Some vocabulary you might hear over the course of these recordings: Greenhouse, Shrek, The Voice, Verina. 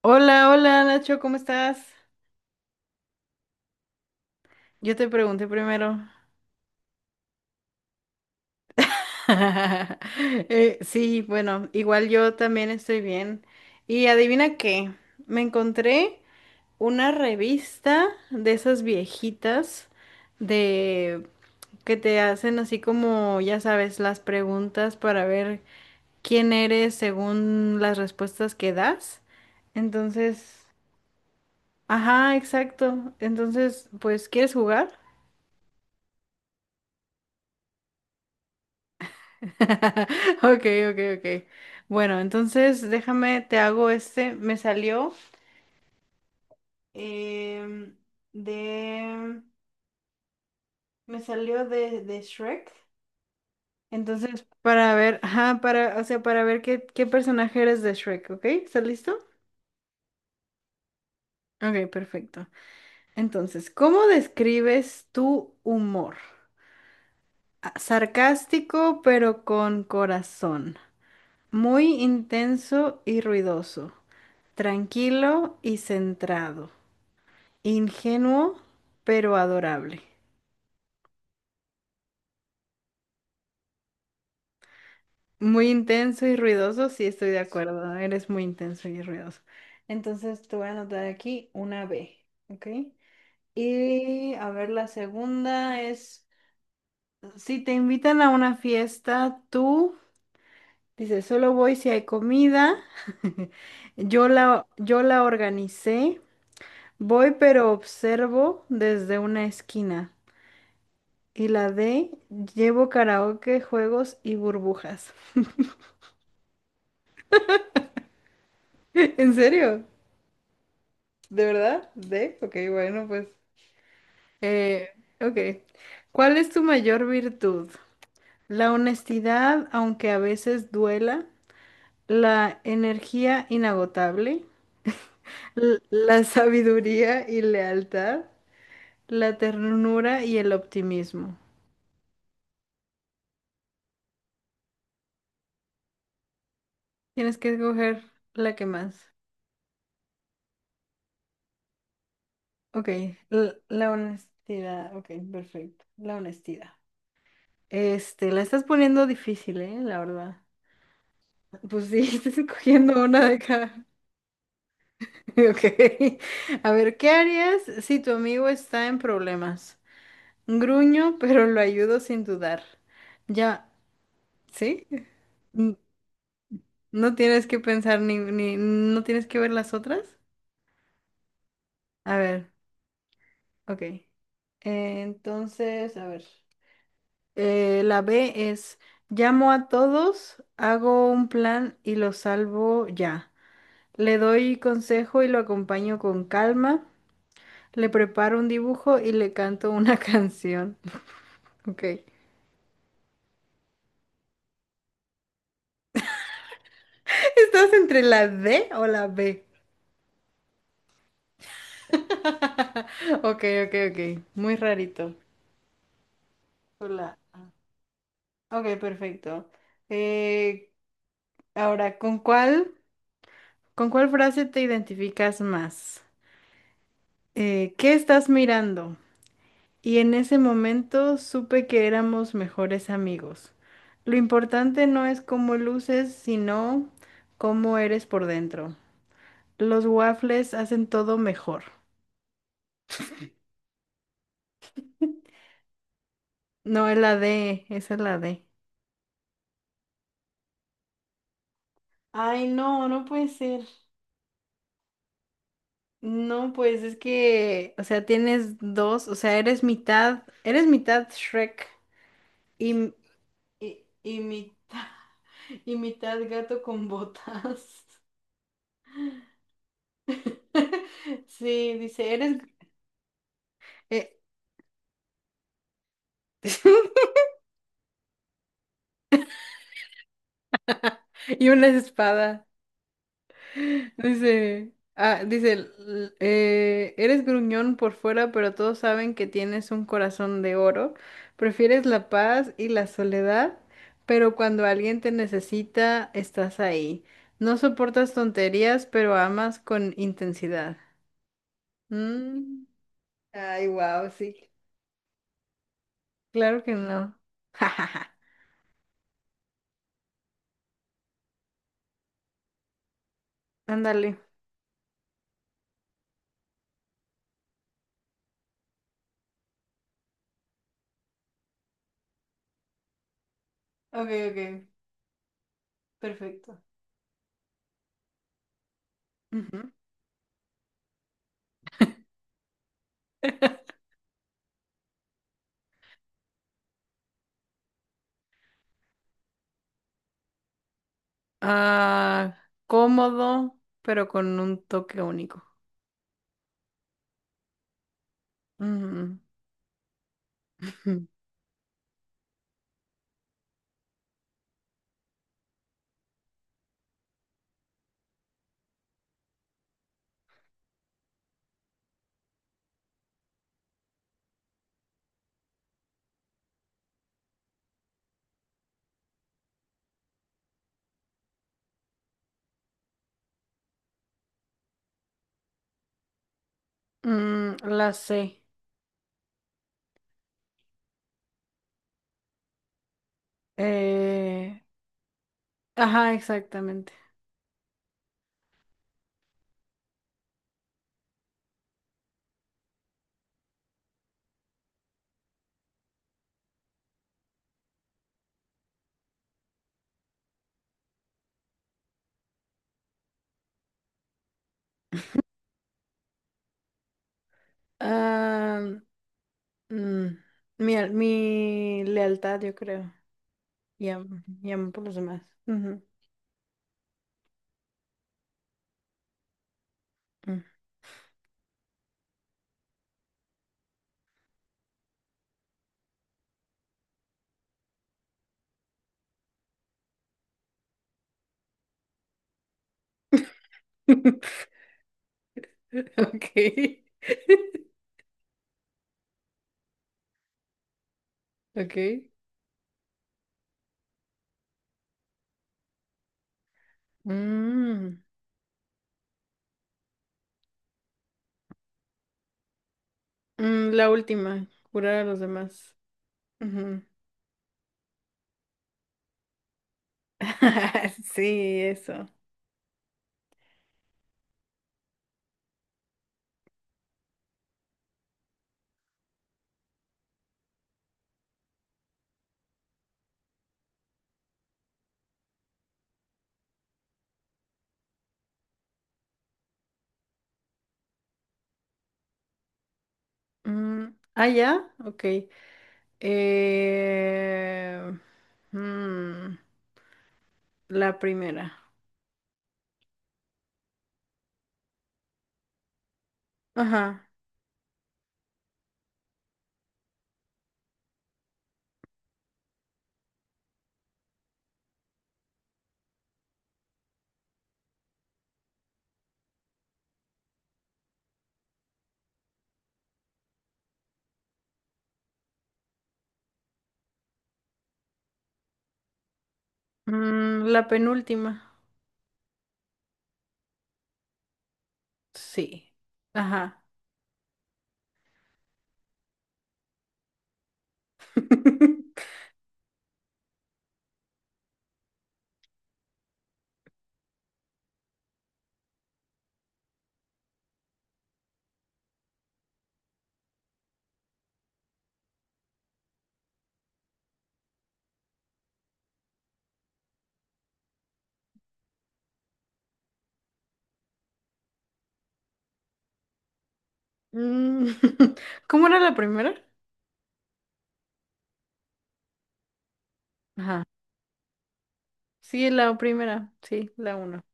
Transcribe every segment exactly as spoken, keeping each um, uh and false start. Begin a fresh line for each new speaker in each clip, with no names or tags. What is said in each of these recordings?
Hola, hola Nacho, ¿cómo estás? Yo te pregunté primero. Eh, sí, bueno, igual yo también estoy bien. Y adivina qué, me encontré una revista de esas viejitas de que te hacen así como, ya sabes, las preguntas para ver quién eres según las respuestas que das. Entonces, ajá, exacto. Entonces, pues, ¿quieres jugar? Ok, ok, ok. Bueno, entonces déjame, te hago este. Me salió em, de. Me salió de, de Shrek. Entonces, para ver, ajá, para, o sea, para ver qué, qué personaje eres de Shrek, ¿ok? ¿Estás listo? Ok, perfecto. Entonces, ¿cómo describes tu humor? Ah, ¿Sarcástico, pero con corazón? ¿Muy intenso y ruidoso? ¿Tranquilo y centrado? ¿Ingenuo, pero adorable? Muy intenso y ruidoso, sí, estoy de acuerdo. Eres muy intenso y ruidoso. Entonces te voy a anotar aquí una B, ¿ok? Y a ver, la segunda es, si te invitan a una fiesta, tú dices, solo voy si hay comida. Yo la, yo la organicé. Voy, pero observo desde una esquina. Y la D, llevo karaoke, juegos y burbujas. ¿En serio? ¿De verdad? ¿De? Ok, bueno, pues. Eh, ok. ¿Cuál es tu mayor virtud? La honestidad, aunque a veces duela, la energía inagotable, l- la sabiduría y lealtad, la ternura y el optimismo. Tienes que escoger la que más. Ok, l- la honestidad. Ok, perfecto. La honestidad. Este, la estás poniendo difícil, ¿eh? La verdad. Pues sí, estás escogiendo una de cada. Ok. A ver, ¿qué harías si tu amigo está en problemas? Gruño, pero lo ayudo sin dudar. Ya, ¿sí? N- No tienes que pensar ni, ni, no tienes que ver las otras. A ver, ok. Entonces, a ver. Eh, la B es, llamo a todos, hago un plan y lo salvo ya. Le doy consejo y lo acompaño con calma. Le preparo un dibujo y le canto una canción. Ok. ¿Estás entre la D o la B? Ok, ok, ok. Muy rarito. Hola. Ok, perfecto. Eh, ahora, ¿con cuál, ¿con cuál frase te identificas más? Eh, ¿qué estás mirando? Y en ese momento supe que éramos mejores amigos. Lo importante no es cómo luces, sino cómo eres por dentro. Los waffles hacen todo mejor. No, es la D, esa es la D. Ay, no, no puede ser. No, pues es que, o sea, tienes dos, o sea, eres mitad, eres mitad Shrek y, m- y, y mitad, y mitad gato con botas. Sí, dice, eres... eh, y una espada. Dice, ah, dice, l- eh, eres gruñón por fuera, pero todos saben que tienes un corazón de oro. Prefieres la paz y la soledad, pero cuando alguien te necesita, estás ahí. No soportas tonterías, pero amas con intensidad. Mm, ay, wow, sí. Claro que no. Ándale. Ok, ok, perfecto. Ujú. Ah, cómodo, pero con un toque único. Mm, mm, la C. Eh, ajá, exactamente. Ah, mm, mi, al- mi lealtad, yo creo. Y amo, y amo por los demás. Ujú, mm. Ok. Ok. Mm, mm, la última, curar a los demás. Ujú. Sí, eso. Mm, ah, ya, ok. Eh, mm, la primera. Ajá. Mm, la penúltima. Sí. Ajá. Mm, ¿cómo era la primera? Ajá. Sí, la primera. Sí, la uno.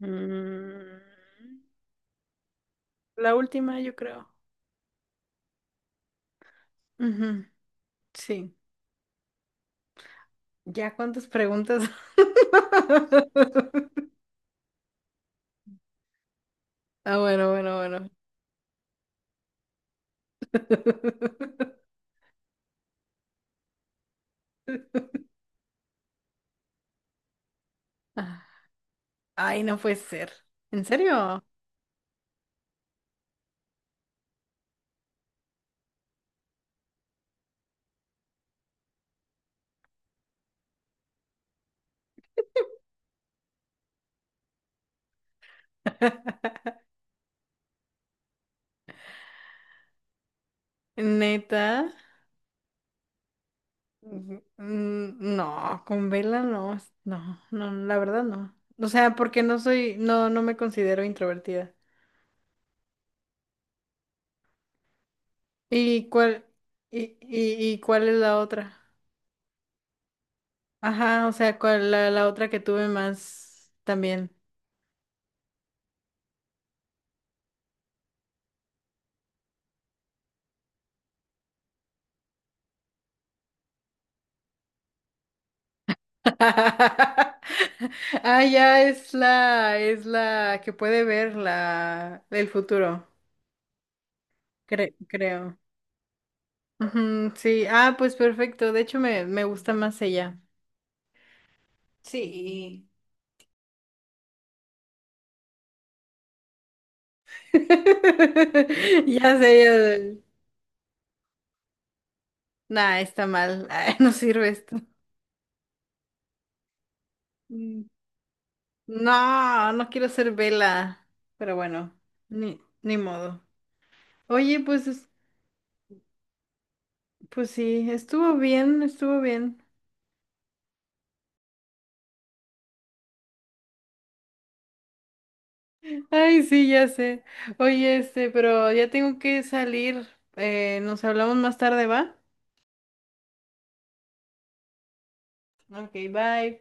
Mm, la última, yo creo. Ujú, sí. ¿Ya cuántas preguntas? Ah, bueno, bueno, bueno. Ah, ay, no puede ser. ¿En serio? ¿Neta? Ujú. Mm, no, con vela no, es- no, no, la verdad no. O sea, porque no soy, no, no me considero introvertida. ¿Y cuál, y, y, ¿y cuál es la otra? Ajá, o sea, cuál la, la otra que tuve más también. Ah, ya es la, es la que puede ver la, el futuro, cre- creo. Ujú, sí, ah, pues perfecto. De hecho, me, me gusta más ella. Sí. Ya sé, yo de- nah, está mal. Ay, no sirve esto. Mm. No, no quiero ser vela. Pero bueno, ni, ni modo. Oye, pues, es- pues sí, estuvo bien, estuvo bien. Ay, sí, ya sé. Oye, este, pero ya tengo que salir. Eh, nos hablamos más tarde, ¿va? Ok, bye.